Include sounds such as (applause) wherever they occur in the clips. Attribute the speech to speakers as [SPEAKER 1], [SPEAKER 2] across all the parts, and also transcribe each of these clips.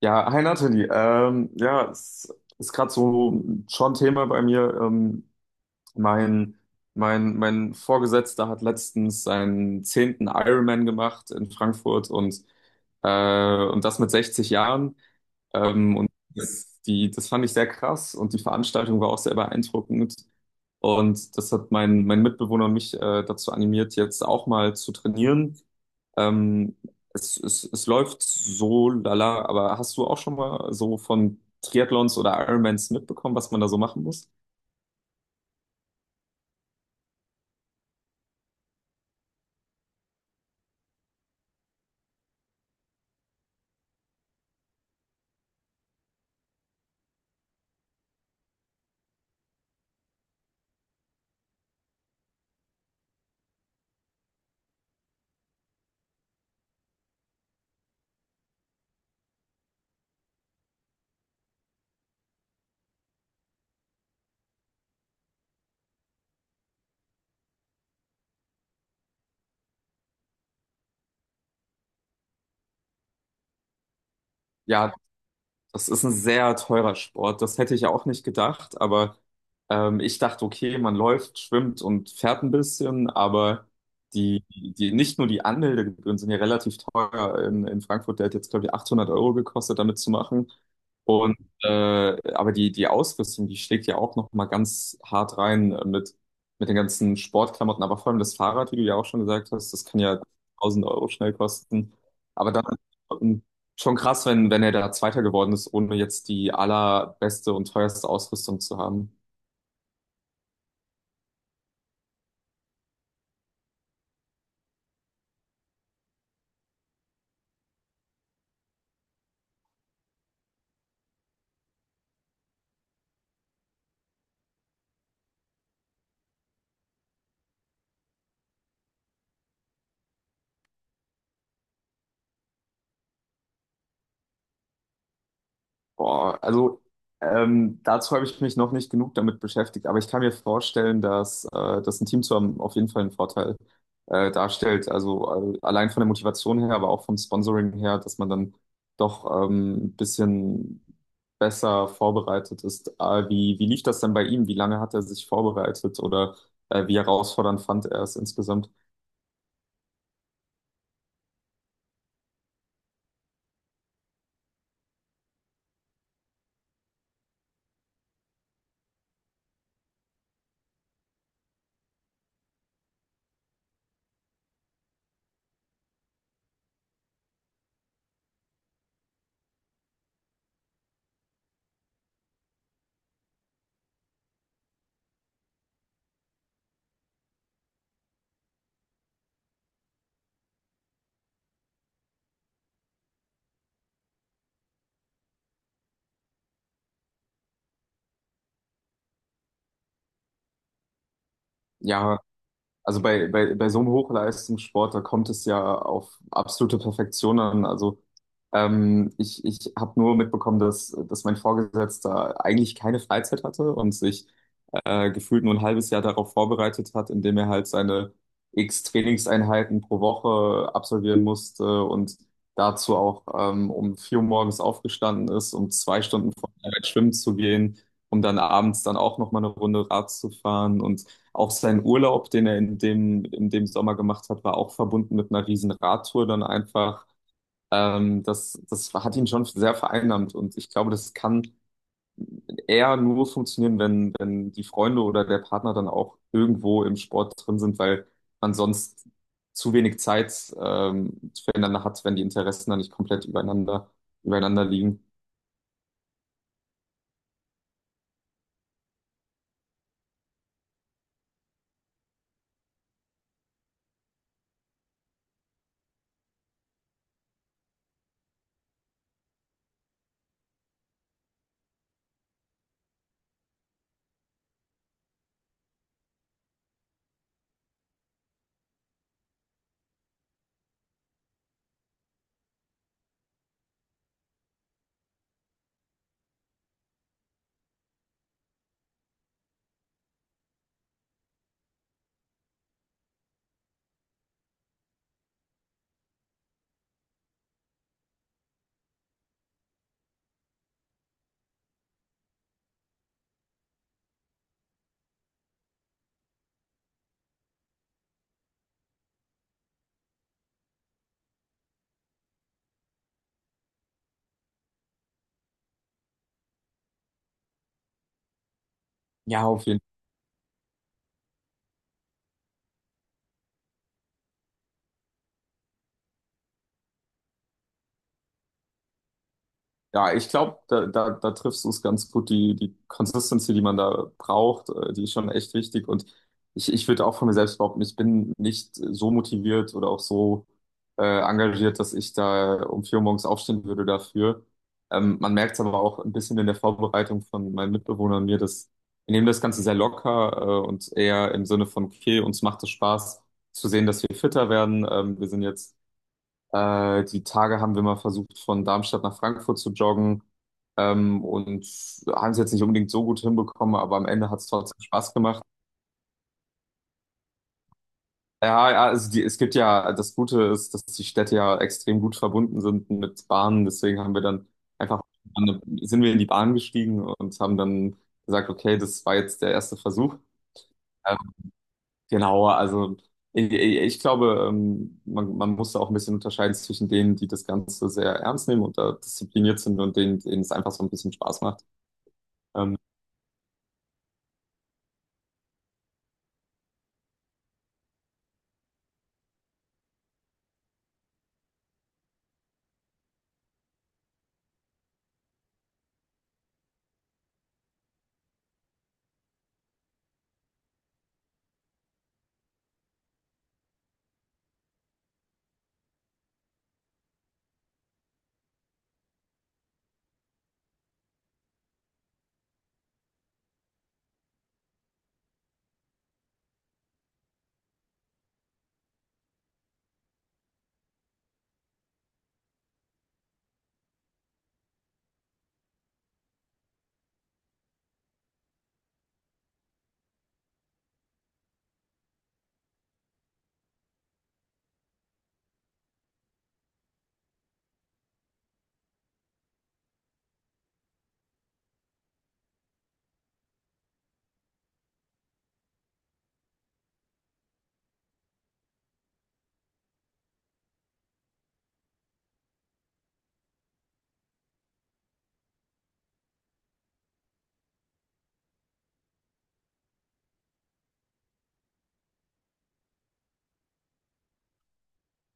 [SPEAKER 1] Ja, hi Nathalie. Ja, es ist gerade so schon Thema bei mir. Mein, mein Vorgesetzter hat letztens seinen zehnten Ironman gemacht in Frankfurt und das mit 60 Jahren. Und das fand ich sehr krass und die Veranstaltung war auch sehr beeindruckend. Und das hat mein Mitbewohner und mich dazu animiert, jetzt auch mal zu trainieren. Ähm, es läuft so lala, aber hast du auch schon mal so von Triathlons oder Ironmans mitbekommen, was man da so machen muss? Ja, das ist ein sehr teurer Sport. Das hätte ich ja auch nicht gedacht, aber ich dachte, okay, man läuft, schwimmt und fährt ein bisschen, aber nicht nur die Anmeldegebühren sind ja relativ teuer in, Frankfurt. Der hat jetzt, glaube ich, 800 Euro gekostet, damit zu machen. Und aber die Ausrüstung, die schlägt ja auch noch mal ganz hart rein mit den ganzen Sportklamotten, aber vor allem das Fahrrad, wie du ja auch schon gesagt hast, das kann ja 1000 Euro schnell kosten. Aber dann schon krass, wenn, er da Zweiter geworden ist, ohne jetzt die allerbeste und teuerste Ausrüstung zu haben. Boah, also dazu habe ich mich noch nicht genug damit beschäftigt, aber ich kann mir vorstellen, dass ein Team zu haben auf jeden Fall einen Vorteil darstellt. Also allein von der Motivation her, aber auch vom Sponsoring her, dass man dann doch ein bisschen besser vorbereitet ist. Wie lief das denn bei ihm? Wie lange hat er sich vorbereitet oder wie herausfordernd fand er es insgesamt? Ja, also bei, so einem Hochleistungssport, da kommt es ja auf absolute Perfektion an. Also ich habe nur mitbekommen, dass mein Vorgesetzter eigentlich keine Freizeit hatte und sich gefühlt nur ein halbes Jahr darauf vorbereitet hat, indem er halt seine X Trainingseinheiten pro Woche absolvieren musste und dazu auch um 4 Uhr morgens aufgestanden ist, um 2 Stunden vor der Arbeit schwimmen zu gehen, um dann abends dann auch nochmal eine Runde Rad zu fahren und auch sein Urlaub, den er in dem Sommer gemacht hat, war auch verbunden mit einer riesen Radtour dann einfach. Das hat ihn schon sehr vereinnahmt und ich glaube, das kann eher nur funktionieren, wenn die Freunde oder der Partner dann auch irgendwo im Sport drin sind, weil man sonst zu wenig Zeit füreinander hat, wenn die Interessen dann nicht komplett übereinander liegen. Ja, auf jeden Fall. Ja, ich glaube, da triffst du es ganz gut. Die Consistency, die man da braucht, die ist schon echt wichtig. Und ich würde auch von mir selbst behaupten, ich bin nicht so motiviert oder auch so engagiert, dass ich da um 4 Uhr morgens aufstehen würde dafür. Man merkt es aber auch ein bisschen in der Vorbereitung von meinen Mitbewohnern und mir, dass wir nehmen das Ganze sehr locker und eher im Sinne von, okay, uns macht es Spaß zu sehen, dass wir fitter werden. Wir sind jetzt die Tage haben wir mal versucht, von Darmstadt nach Frankfurt zu joggen und haben es jetzt nicht unbedingt so gut hinbekommen, aber am Ende hat es trotzdem Spaß gemacht. Ja, ja, also es gibt ja, das Gute ist, dass die Städte ja extrem gut verbunden sind mit Bahnen, deswegen haben wir dann einfach, sind wir in die Bahn gestiegen und haben dann gesagt, okay, das war jetzt der erste Versuch. Genau, also ich glaube, man muss da auch ein bisschen unterscheiden zwischen denen, die das Ganze sehr ernst nehmen und da diszipliniert sind und denen, denen es einfach so ein bisschen Spaß macht. Ähm,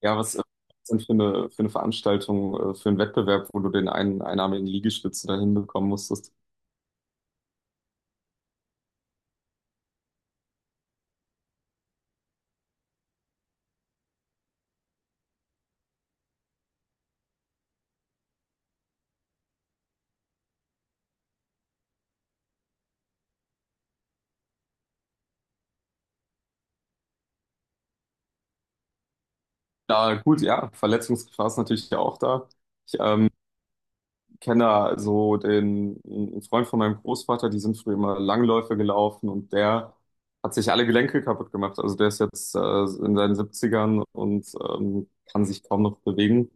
[SPEAKER 1] ja, was ist denn für eine Veranstaltung, für einen Wettbewerb, wo du den einen einarmigen Liegestütze da hinbekommen musstest? Da, gut, ja, Verletzungsgefahr ist natürlich auch da. Ich kenne da so den einen Freund von meinem Großvater, die sind früher immer Langläufe gelaufen und der hat sich alle Gelenke kaputt gemacht. Also der ist jetzt in seinen Siebzigern und kann sich kaum noch bewegen,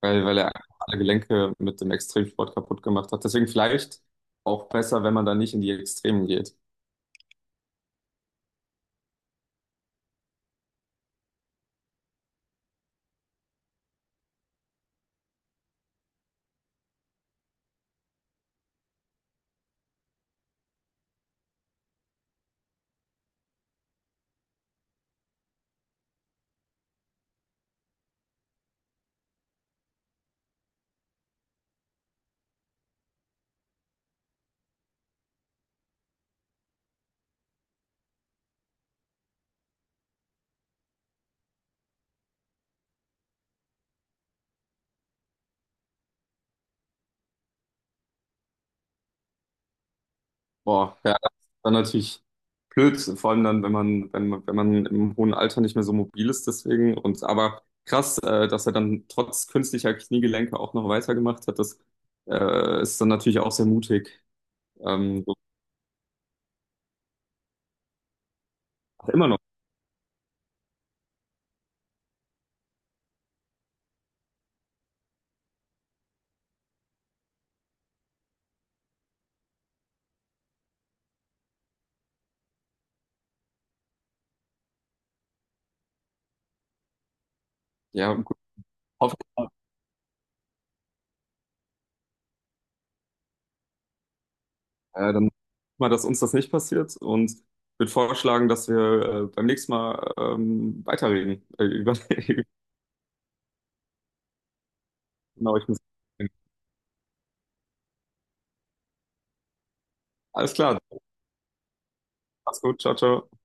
[SPEAKER 1] weil, er einfach alle Gelenke mit dem Extremsport kaputt gemacht hat. Deswegen vielleicht auch besser, wenn man da nicht in die Extremen geht. Boah, ja, das ist dann natürlich blöd, vor allem dann, wenn man im hohen Alter nicht mehr so mobil ist, deswegen. Und aber krass, dass er dann trotz künstlicher Kniegelenke auch noch weitergemacht hat, das ist dann natürlich auch sehr mutig. So, immer noch. Ja, gut, hoffe, ich mal, dann mal, dass uns das nicht passiert und würde vorschlagen, dass wir beim nächsten Mal weiterreden. Über, (laughs) genau, ich muss. Alles klar, mach's gut, ciao, ciao.